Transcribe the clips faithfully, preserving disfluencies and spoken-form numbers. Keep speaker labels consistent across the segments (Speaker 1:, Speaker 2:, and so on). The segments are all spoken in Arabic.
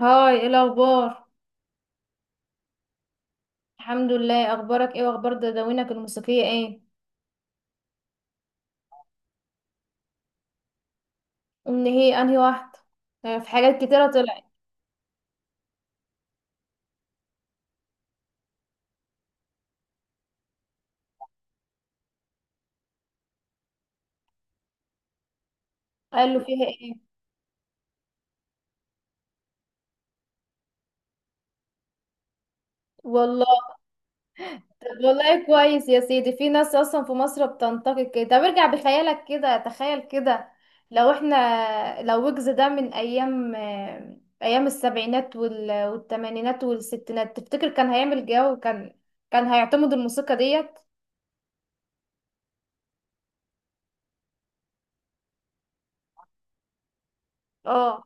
Speaker 1: هاي، ايه الاخبار؟ الحمد لله، اخبارك ايه؟ واخبار دواوينك الموسيقيه ايه؟ ان هي انهي واحده؟ آه، في حاجات كتيره طلعت. قالوا فيها ايه؟ والله. طب والله كويس يا سيدي، في ناس اصلا في مصر بتنتقد كده. طب ارجع بخيالك كده، تخيل كده. لو احنا لو ويجز ده من ايام آه، ايام السبعينات وال- والثمانينات والستينات، تفتكر كان هيعمل جو؟ كان كان هيعتمد الموسيقى ديت؟ اه،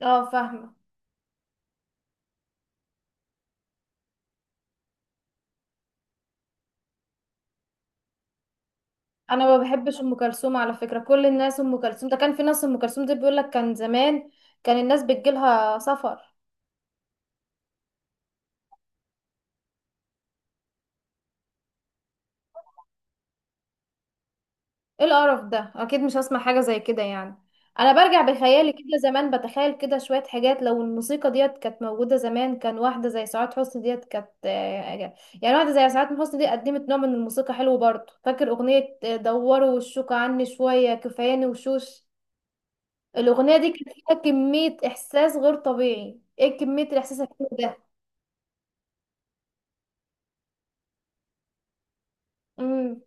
Speaker 1: اه، فاهمه. انا ما بحبش ام كلثوم على فكره. كل الناس ام كلثوم ده، كان في ناس ام كلثوم دي بيقول لك كان زمان، كان الناس بتجيلها سفر. ايه القرف ده؟ اكيد مش هسمع حاجه زي كده يعني. انا برجع بخيالي كده زمان، بتخيل كده شويه حاجات، لو الموسيقى ديت كانت موجوده زمان، كان واحده زي سعاد حسني ديت كانت... آه، يعني واحده زي سعاد حسني دي قدمت نوع من الموسيقى حلو برضه. فاكر اغنيه آه، دوروا وشوك عني شويه كفاياني وشوش؟ الاغنيه دي كانت فيها كميه احساس غير طبيعي، ايه كميه الاحساس الحلو ده!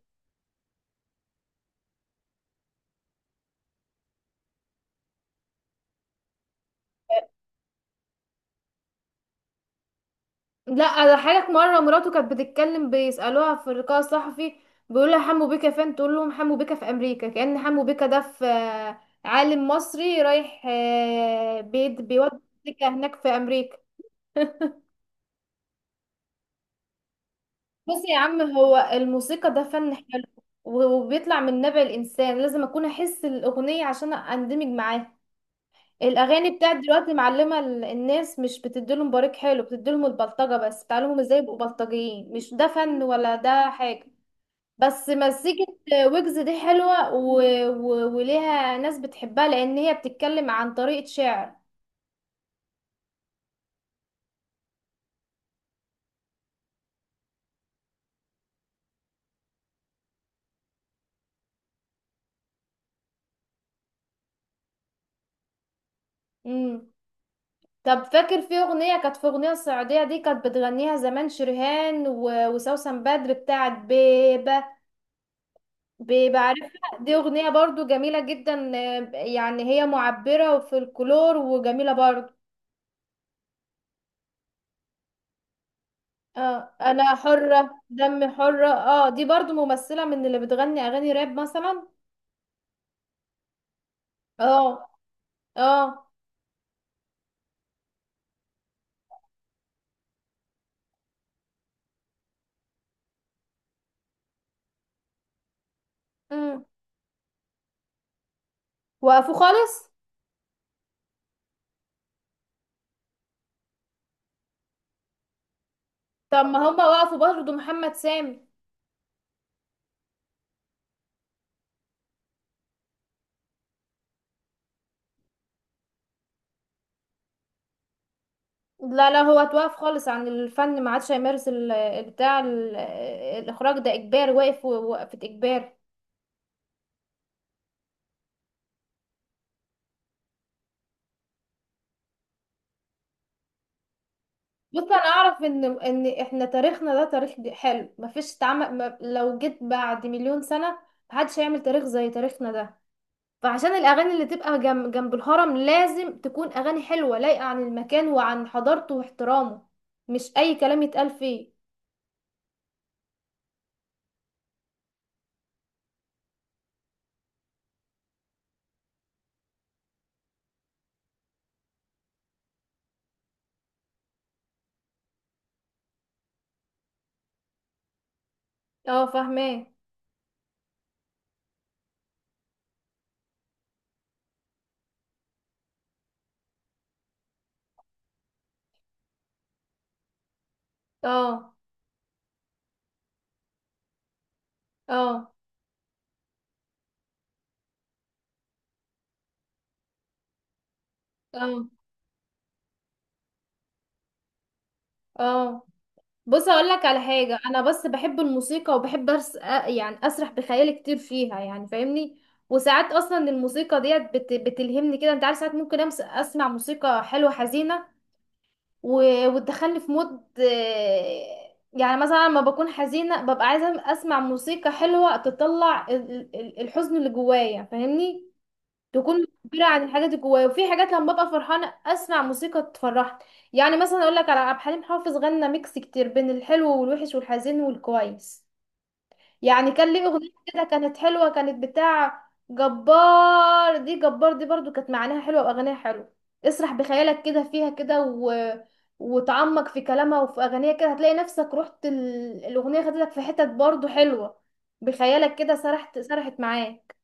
Speaker 1: لا، ده حالك مره، مراته كانت بتتكلم بيسالوها في اللقاء الصحفي، بيقول لها حمو بيكا فين، تقول لهم حمو بيكا في امريكا. كأن حمو بيكا ده في آه، عالم مصري رايح آه، بيد بيودي موسيقى هناك في امريكا. بص يا عم، هو الموسيقى ده فن حلو، و- وبيطلع من نبع الانسان. لازم اكون احس الاغنيه عشان اندمج معاها. الاغاني بتاعت دلوقتي معلمه ال- الناس، مش بتديلهم بريق حلو، بتديلهم البلطجه، بس بتعلمهم ازاي يبقوا بلطجيين. مش ده فن ولا ده حاجه، بس مزيكة. ويجز دي حلوة و... و... وليها ناس بتحبها، لأن هي بتتكلم عن طريقة شعر. مم. طب فاكر في أغنية كانت في أغنية الصعيدية دي، كانت بتغنيها زمان شرهان و... وسوسن بدر، بتاعت بيبة؟ بيبة، عارفها؟ دي أغنية برضو جميلة جدا، آه، يعني هي معبرة وفي الكلور وجميلة برضو. اه، أنا حرة دمي حرة. اه، دي برضو ممثلة من اللي بتغني أغاني راب مثلا. اه، اه، مم. وقفوا خالص. طب ما هما وقفوا برضه محمد سامي. لا، لا، هو اتوقف خالص عن الفن، ما عادش هيمارس ال- بتاع ال- الاخراج. ده اجباري، واقف وقفة اجباري. بص انا اعرف ان ان احنا تاريخنا ده تاريخ حلو، مفيش تعمل، ما لو جيت بعد مليون سنة محدش هيعمل تاريخ زي تاريخنا ده. فعشان الاغاني اللي تبقى جنب جنب الهرم لازم تكون اغاني حلوة لايقة عن المكان وعن حضارته واحترامه، مش اي كلام يتقال فيه. اه، فاهماه. اه، اه، اه، اه. بص اقول لك على حاجه، انا بس بحب الموسيقى وبحب أرس... أ- يعني اسرح بخيالي كتير فيها، يعني فاهمني. وساعات اصلا الموسيقى ديت بت... بتلهمني كده، انت عارف. ساعات ممكن أمس... اسمع موسيقى حلوه حزينه و... وتدخلني في مود، آه، يعني مثلا لما بكون حزينه ببقى عايزه اسمع موسيقى حلوه تطلع ال... ال- الحزن اللي جوايا، فاهمني؟ تكون معبرة عن الحاجات اللي جوايا. وفي حاجات لما ببقى فرحانة اسمع موسيقى تفرحني. يعني مثلا اقول لك على عبد الحليم حافظ، غنى ميكس كتير بين الحلو والوحش والحزين والكويس. يعني كان ليه اغنية كده كانت حلوة، كانت بتاع جبار دي. جبار دي برضو كانت معناها حلوة واغانيها حلوة. اسرح بخيالك كده فيها كده، و... وتعمق في كلامها وفي اغانيها كده هتلاقي نفسك رحت ال... الاغنية خدتك في حتت برضو حلوة. بخيالك كده سرحت سرحت معاك.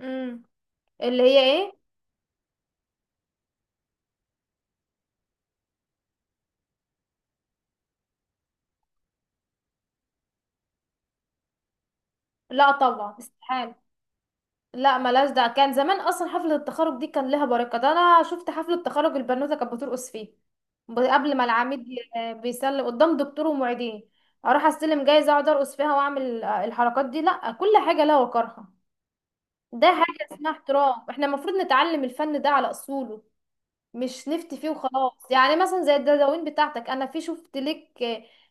Speaker 1: امم اللي هي ايه؟ لا، طبعا، استحالة. لا، ملاش، ده كان زمان اصلا. حفلة التخرج دي كان لها بركة. ده انا شفت حفلة تخرج البنوتة كانت بترقص فيه، ب- قبل ما العميد ي- بيسلم قدام دكتور ومعيدين، اروح استلم جايزة اقعد ارقص فيها واعمل آه، الحركات دي. لا، كل حاجة لها وقرها. ده حاجة اسمها احترام. احنا المفروض نتعلم الفن ده على اصوله، مش نفتي فيه وخلاص. يعني مثلا زي الدواوين بتاعتك، انا في شفت لك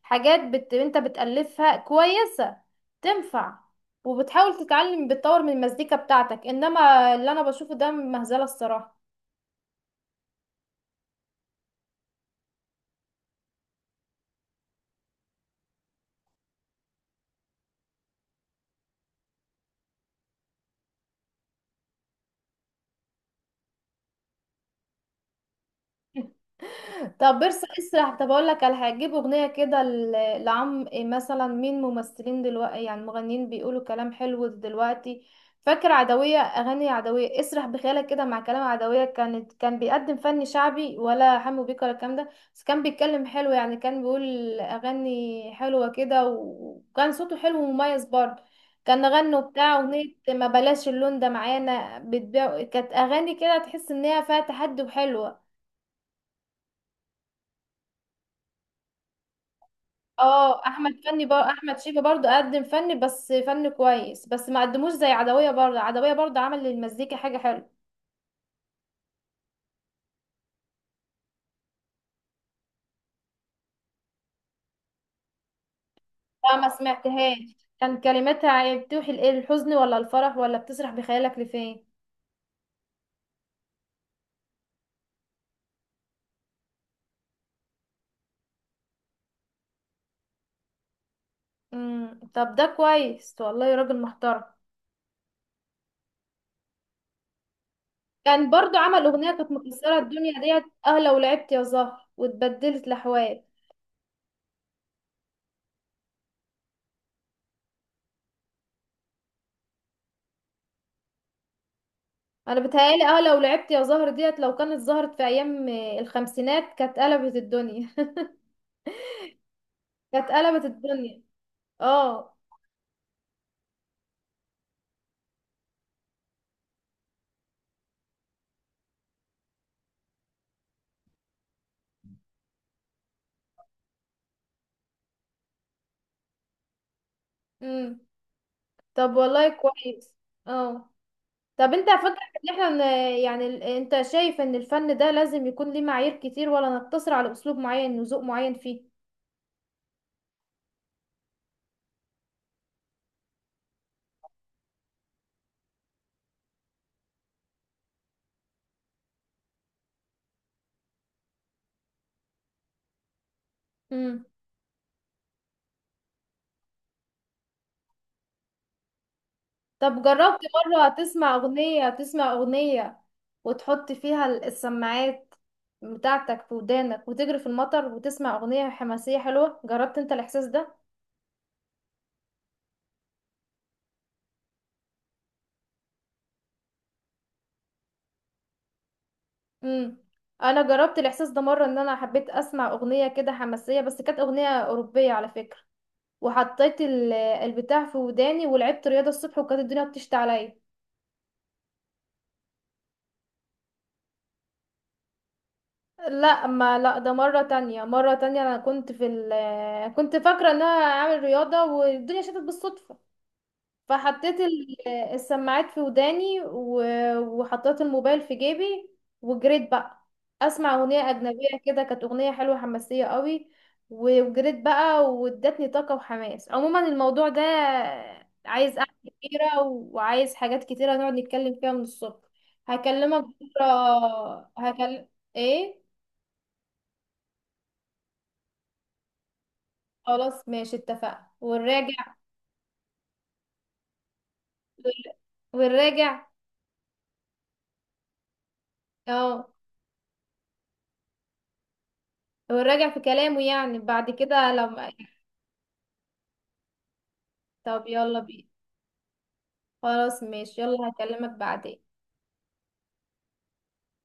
Speaker 1: حاجات بت... انت بتألفها كويسة، تنفع، وبتحاول تتعلم، بتطور من المزيكا بتاعتك. انما اللي انا بشوفه ده مهزلة الصراحة. طب برسى اسرح، طب اقول لك على حاجه، جيب اغنيه كده ل- لعم إيه مثلا، مين ممثلين دلوقتي، يعني مغنيين بيقولوا كلام حلو دلوقتي؟ فاكر عدويه؟ اغاني عدويه اسرح بخيالك كده مع كلام عدويه. كانت كان بيقدم فن شعبي، ولا حمو بيكا ولا الكلام ده. بس كان بيتكلم حلو، يعني كان بيقول اغاني حلوه كده، و- وكان صوته حلو ومميز برضه. كان غنوا بتاع اغنيه ما بلاش اللون ده معانا بتبيع، كانت اغاني كده تحس ان هي فيها تحدي وحلوه. اه، احمد فني بقى. احمد شيبه برضو قدم فن، بس فن كويس، بس ما قدموش زي عدويه. برضو عدويه برضو عمل للمزيكا حاجه حلوه. لا، ما سمعتهاش. كان كلماتها بتوحي الايه؟ الحزن ولا الفرح؟ ولا بتسرح بخيالك لفين؟ امم طب ده كويس والله يا راجل محترم. كان برضو عمل اغنيه كانت مكسره الدنيا ديت، اه، لو لعبت يا زهر واتبدلت الاحوال. انا بتهيالي اه لو لعبت يا زهر ديت لو كانت ظهرت في ايام الخمسينات، كانت قلبت الدنيا. كانت قلبت الدنيا. اه. امم طب والله كويس. اه. طب انت فاكر ان احنا ن- يعني ال- انت شايف ان الفن ده لازم يكون ليه معايير كتير، ولا نقتصر على اسلوب معين وذوق معين فيه؟ امم طب جربت مرة تسمع اغنية، تسمع اغنية وتحط فيها ال- السماعات بتاعتك في ودانك، وتجري في المطر، وتسمع اغنية حماسية حلوة؟ جربت انت الاحساس ده؟ امم انا جربت الاحساس ده مرة ان انا حبيت اسمع اغنية كده حماسية، بس كانت اغنية اوروبية على فكرة. وحطيت ال- البتاع في وداني ولعبت رياضة الصبح، وكانت الدنيا بتشتي عليا. لا ما لا، ده مرة تانية، مرة تانية انا كنت في ال كنت فاكرة ان انا هعمل رياضة والدنيا شتت بالصدفة، فحطيت ال- السماعات في وداني، و- وحطيت الموبايل في جيبي، وجريت بقى اسمع اغنيه اجنبيه كده، كانت اغنيه حلوه حماسيه قوي. وجريت بقى وادتني طاقه وحماس. عموما الموضوع ده عايز قعدة كتيره، وعايز حاجات كتيره نقعد نتكلم فيها من الصبح. هكلمك بكره. هكلم ايه؟ خلاص ماشي، اتفقنا والراجع. والراجع. اه، والراجع في كلامه يعني بعد كده لما... طب يلا بينا، خلاص ماشي، يلا هكلمك بعدين.